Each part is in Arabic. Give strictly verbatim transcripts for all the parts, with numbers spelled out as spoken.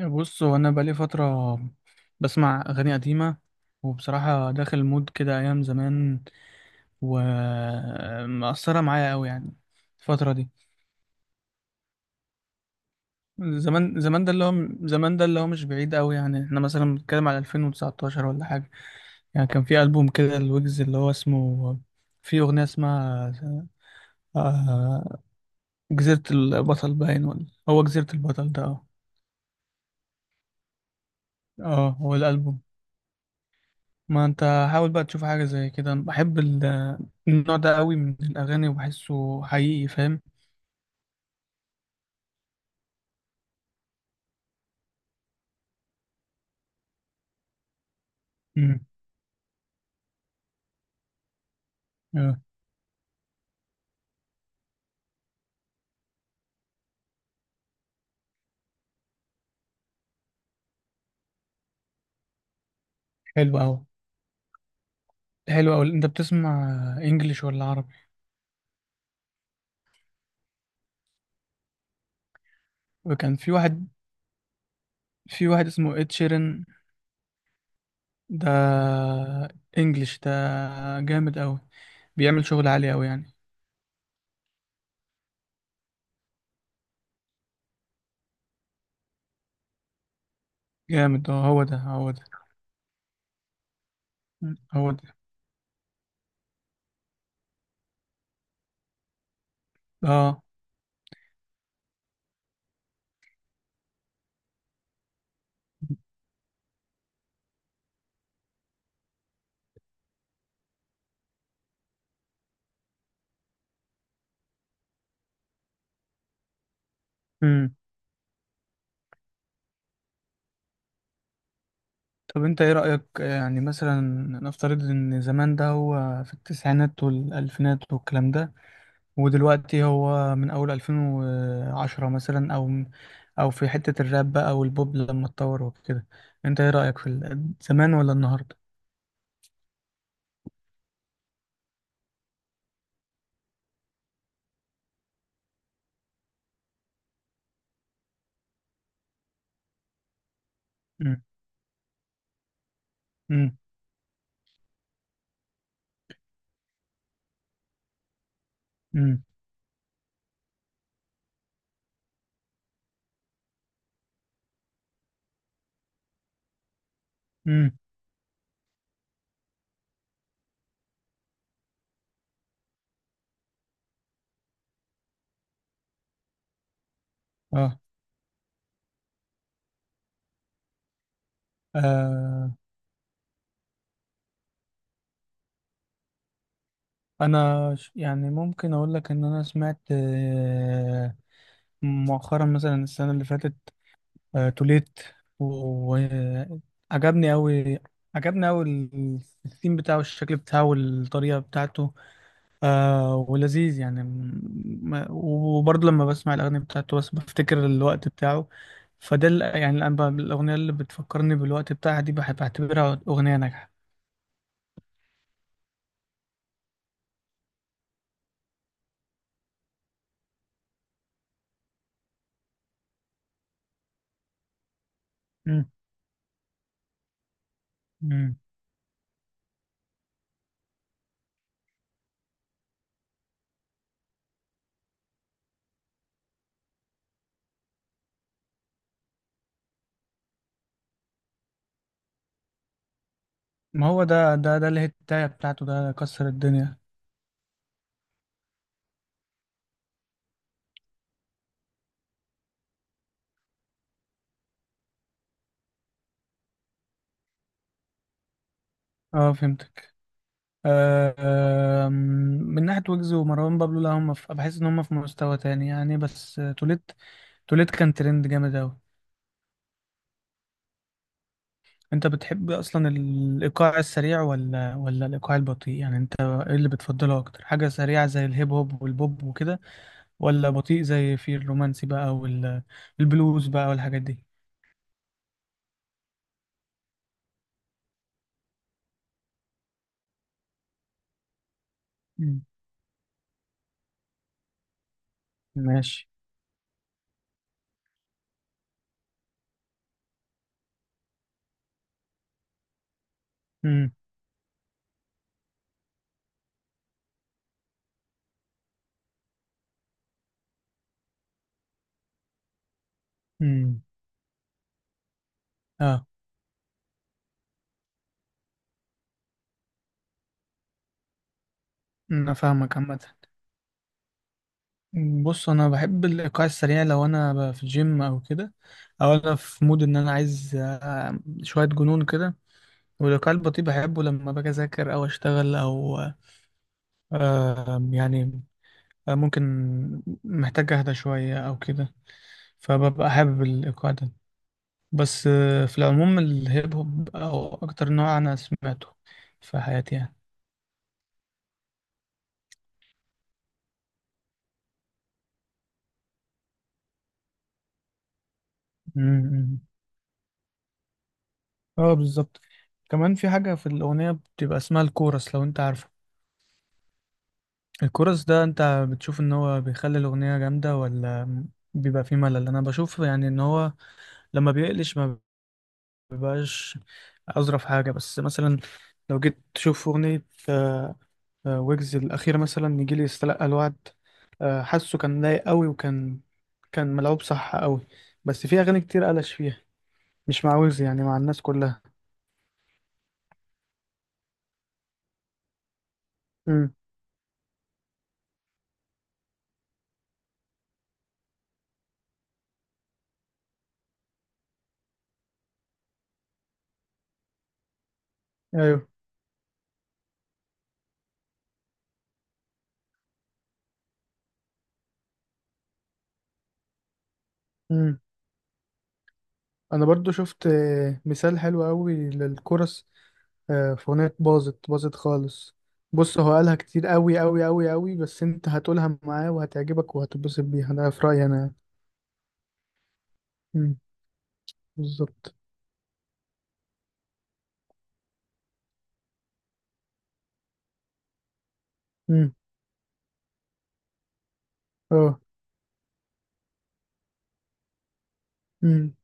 بص هو انا بقالي فتره بسمع اغاني قديمه، وبصراحه داخل مود كده ايام زمان، ومأثره معايا قوي يعني الفتره دي. زمان زمان ده اللي هو زمان ده اللي هو مش بعيد قوي، يعني احنا مثلا بنتكلم على ألفين وتسعة عشر ولا حاجه. يعني كان في ألبوم كده الويجز اللي هو اسمه، في اغنيه اسمها، آه، جزيره البطل، باين، ولا هو جزيره البطل ده. اه. اه، هو الألبوم. ما انت حاول بقى تشوف حاجة زي كده، انا بحب ال- النوع ده قوي من الأغاني وبحسه حقيقي، فاهم. امم اه، حلو أوي. حلو أوي، انت بتسمع انجليش ولا عربي؟ وكان في واحد في واحد اسمه اد شيرن. ده انجليش ده، جامد أوي، بيعمل شغل عالي أوي يعني. جامد، اه هو ده هو ده. مم. هو ده. اه. امم طب انت ايه رأيك، يعني مثلا نفترض ان زمان ده هو في التسعينات والألفينات والكلام ده، ودلوقتي هو من أول ألفين وعشرة مثلا، أو أو في حتة الراب بقى أو البوب لما اتطور وكده، أنت إيه رأيك في ال- زمان ولا النهاردة؟ مم. مم. مم. مم. آه. آه. أنا ش- يعني ممكن أقول لك إن أنا سمعت، آه، مؤخرا مثلا السنة اللي فاتت، آه، توليت، وعجبني أوي عجبني أوي ال- الثيم بتاعه، الشكل بتاعه، والطريقة بتاعته، آه ولذيذ يعني، م- وبرضه لما بسمع الأغاني بتاعته بس بفتكر الوقت بتاعه، فده ال- يعني الآن بقى الأغنية اللي بتفكرني بالوقت بتاعها دي بحب أعتبرها أغنية ناجحة. مم. مم. ما هو ده ده ده الهتاية بتاعته ده كسر الدنيا. اه فهمتك. آه آم، من ناحية ويجز ومروان بابلو، لا، هم في، بحس إن هم في مستوى تاني يعني، بس آه، توليت توليت كان ترند جامد أوي. انت بتحب اصلا الايقاع السريع ولا ولا الايقاع البطيء؟ يعني انت ايه اللي بتفضله اكتر، حاجه سريعه زي الهيب هوب والبوب وكده، ولا بطيء زي في الرومانسي بقى والبلوز بقى والحاجات دي؟ مم. ماشي. امم امم اه، انا فاهمك عامه. بص، انا بحب الايقاع السريع لو انا ب- في الجيم او كده، او انا في مود ان انا عايز آه، شويه جنون كده. والايقاع البطيء بحبه لما باجي اذاكر او اشتغل، او آه، يعني، آه، ممكن محتاج اهدى شوية او كده، فببقى حابب الايقاع ده. بس آه، في العموم الهيب هوب او اكتر نوع انا سمعته في حياتي يعني. أمم. اه بالظبط. كمان في حاجة في الأغنية بتبقى اسمها الكورس، لو انت عارفه. الكورس ده انت بتشوف ان هو بيخلي الأغنية جامدة، ولا بيبقى فيه ملل؟ انا بشوف يعني ان هو لما بيقلش ما بيبقاش أظرف حاجة. بس مثلا لو جيت تشوف أغنية، آه، آه، ويجز الأخير مثلا، نيجي لي يستلقى الوعد، آه، حاسه كان لايق قوي، وكان كان ملعوب صح قوي. بس في أغاني كتير قلش فيها، مش مع ويجز يعني، مع الناس كلها. امم أيوه. امم أنا برضو شفت، آه، مثال حلو قوي للكورس، آه، في أغنية باظت باظت خالص. بص هو قالها كتير قوي قوي قوي قوي، بس أنت هتقولها معاه وهتعجبك وهتتبسط بيها، ده في رأيي أنا. امم بالظبط. امم أه. امم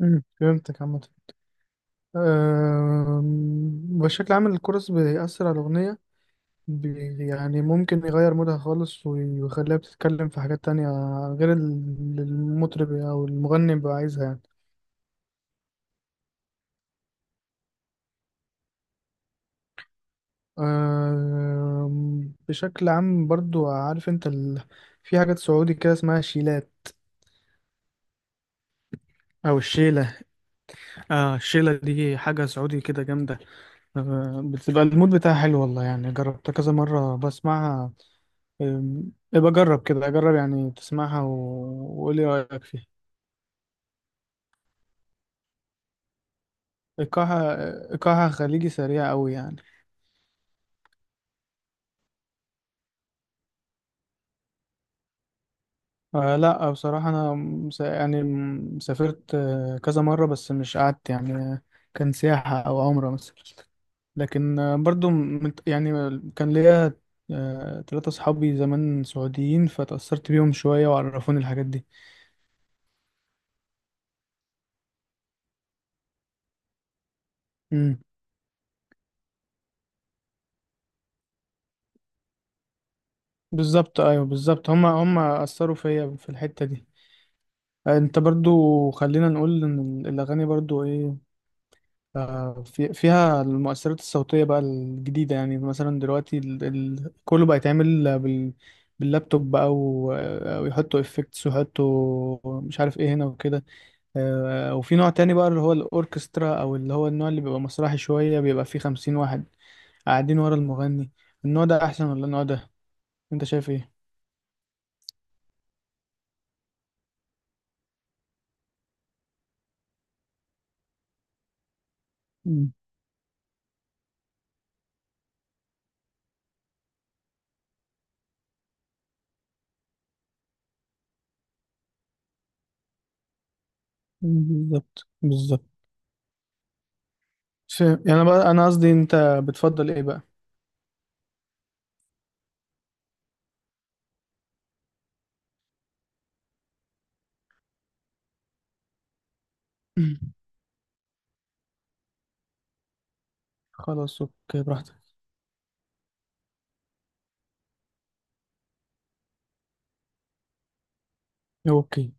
امم فهمتك عامة. أم، بشكل عام الكورس بيأثر على الأغنية، بي- يعني ممكن يغير مودها خالص، وي- ويخليها بتتكلم في حاجات تانية غير ال- المطرب أو المغني بيبقى عايزها يعني. أم، بشكل عام برضو عارف انت ال... في حاجات سعودي كده اسمها شيلات، أو الشيلة. آه الشيلة دي حاجة سعودي كده جامدة، أه، بتبقى المود بتاعها حلو والله يعني، جربتها كذا مرة بسمعها. أم، يبقى جرب كده، جرب يعني تسمعها و- وقول لي رأيك فيها. إيقاعها إيقاعها خليجي سريع أوي يعني. آه لا، بصراحة أنا مس- يعني م- سافرت آه، كذا مرة بس مش قعدت يعني، آه، كان سياحة أو عمرة مثلا. لكن آه، برضو م- مت- يعني كان ليا آه، تلاتة صحابي زمان سعوديين، فتأثرت بيهم شوية وعرفوني الحاجات دي. مم. بالظبط أيوه، بالظبط، هما هما أثروا فيا في الحتة دي. انت برضو خلينا نقول ان الاغاني برضو ايه، آه، في فيها المؤثرات الصوتيه بقى الجديده، يعني مثلا دلوقتي ال... ال... كله بقى يتعمل بال... باللابتوب بقى و... آه، ويحطوا افكتس ويحطوا مش عارف ايه هنا وكده. آه، وفي نوع تاني بقى اللي هو الاوركسترا، او اللي هو النوع اللي بيبقى مسرحي شويه، بيبقى فيه خمسين واحد قاعدين ورا المغني. النوع ده احسن ولا النوع ده؟ انت شايف ايه؟ مم. بالظبط بالظبط. ف... يعني، أنا بقى انا قصدي انت بتفضل ايه بقى؟ خلاص، اوكي، براحتك. اوكي.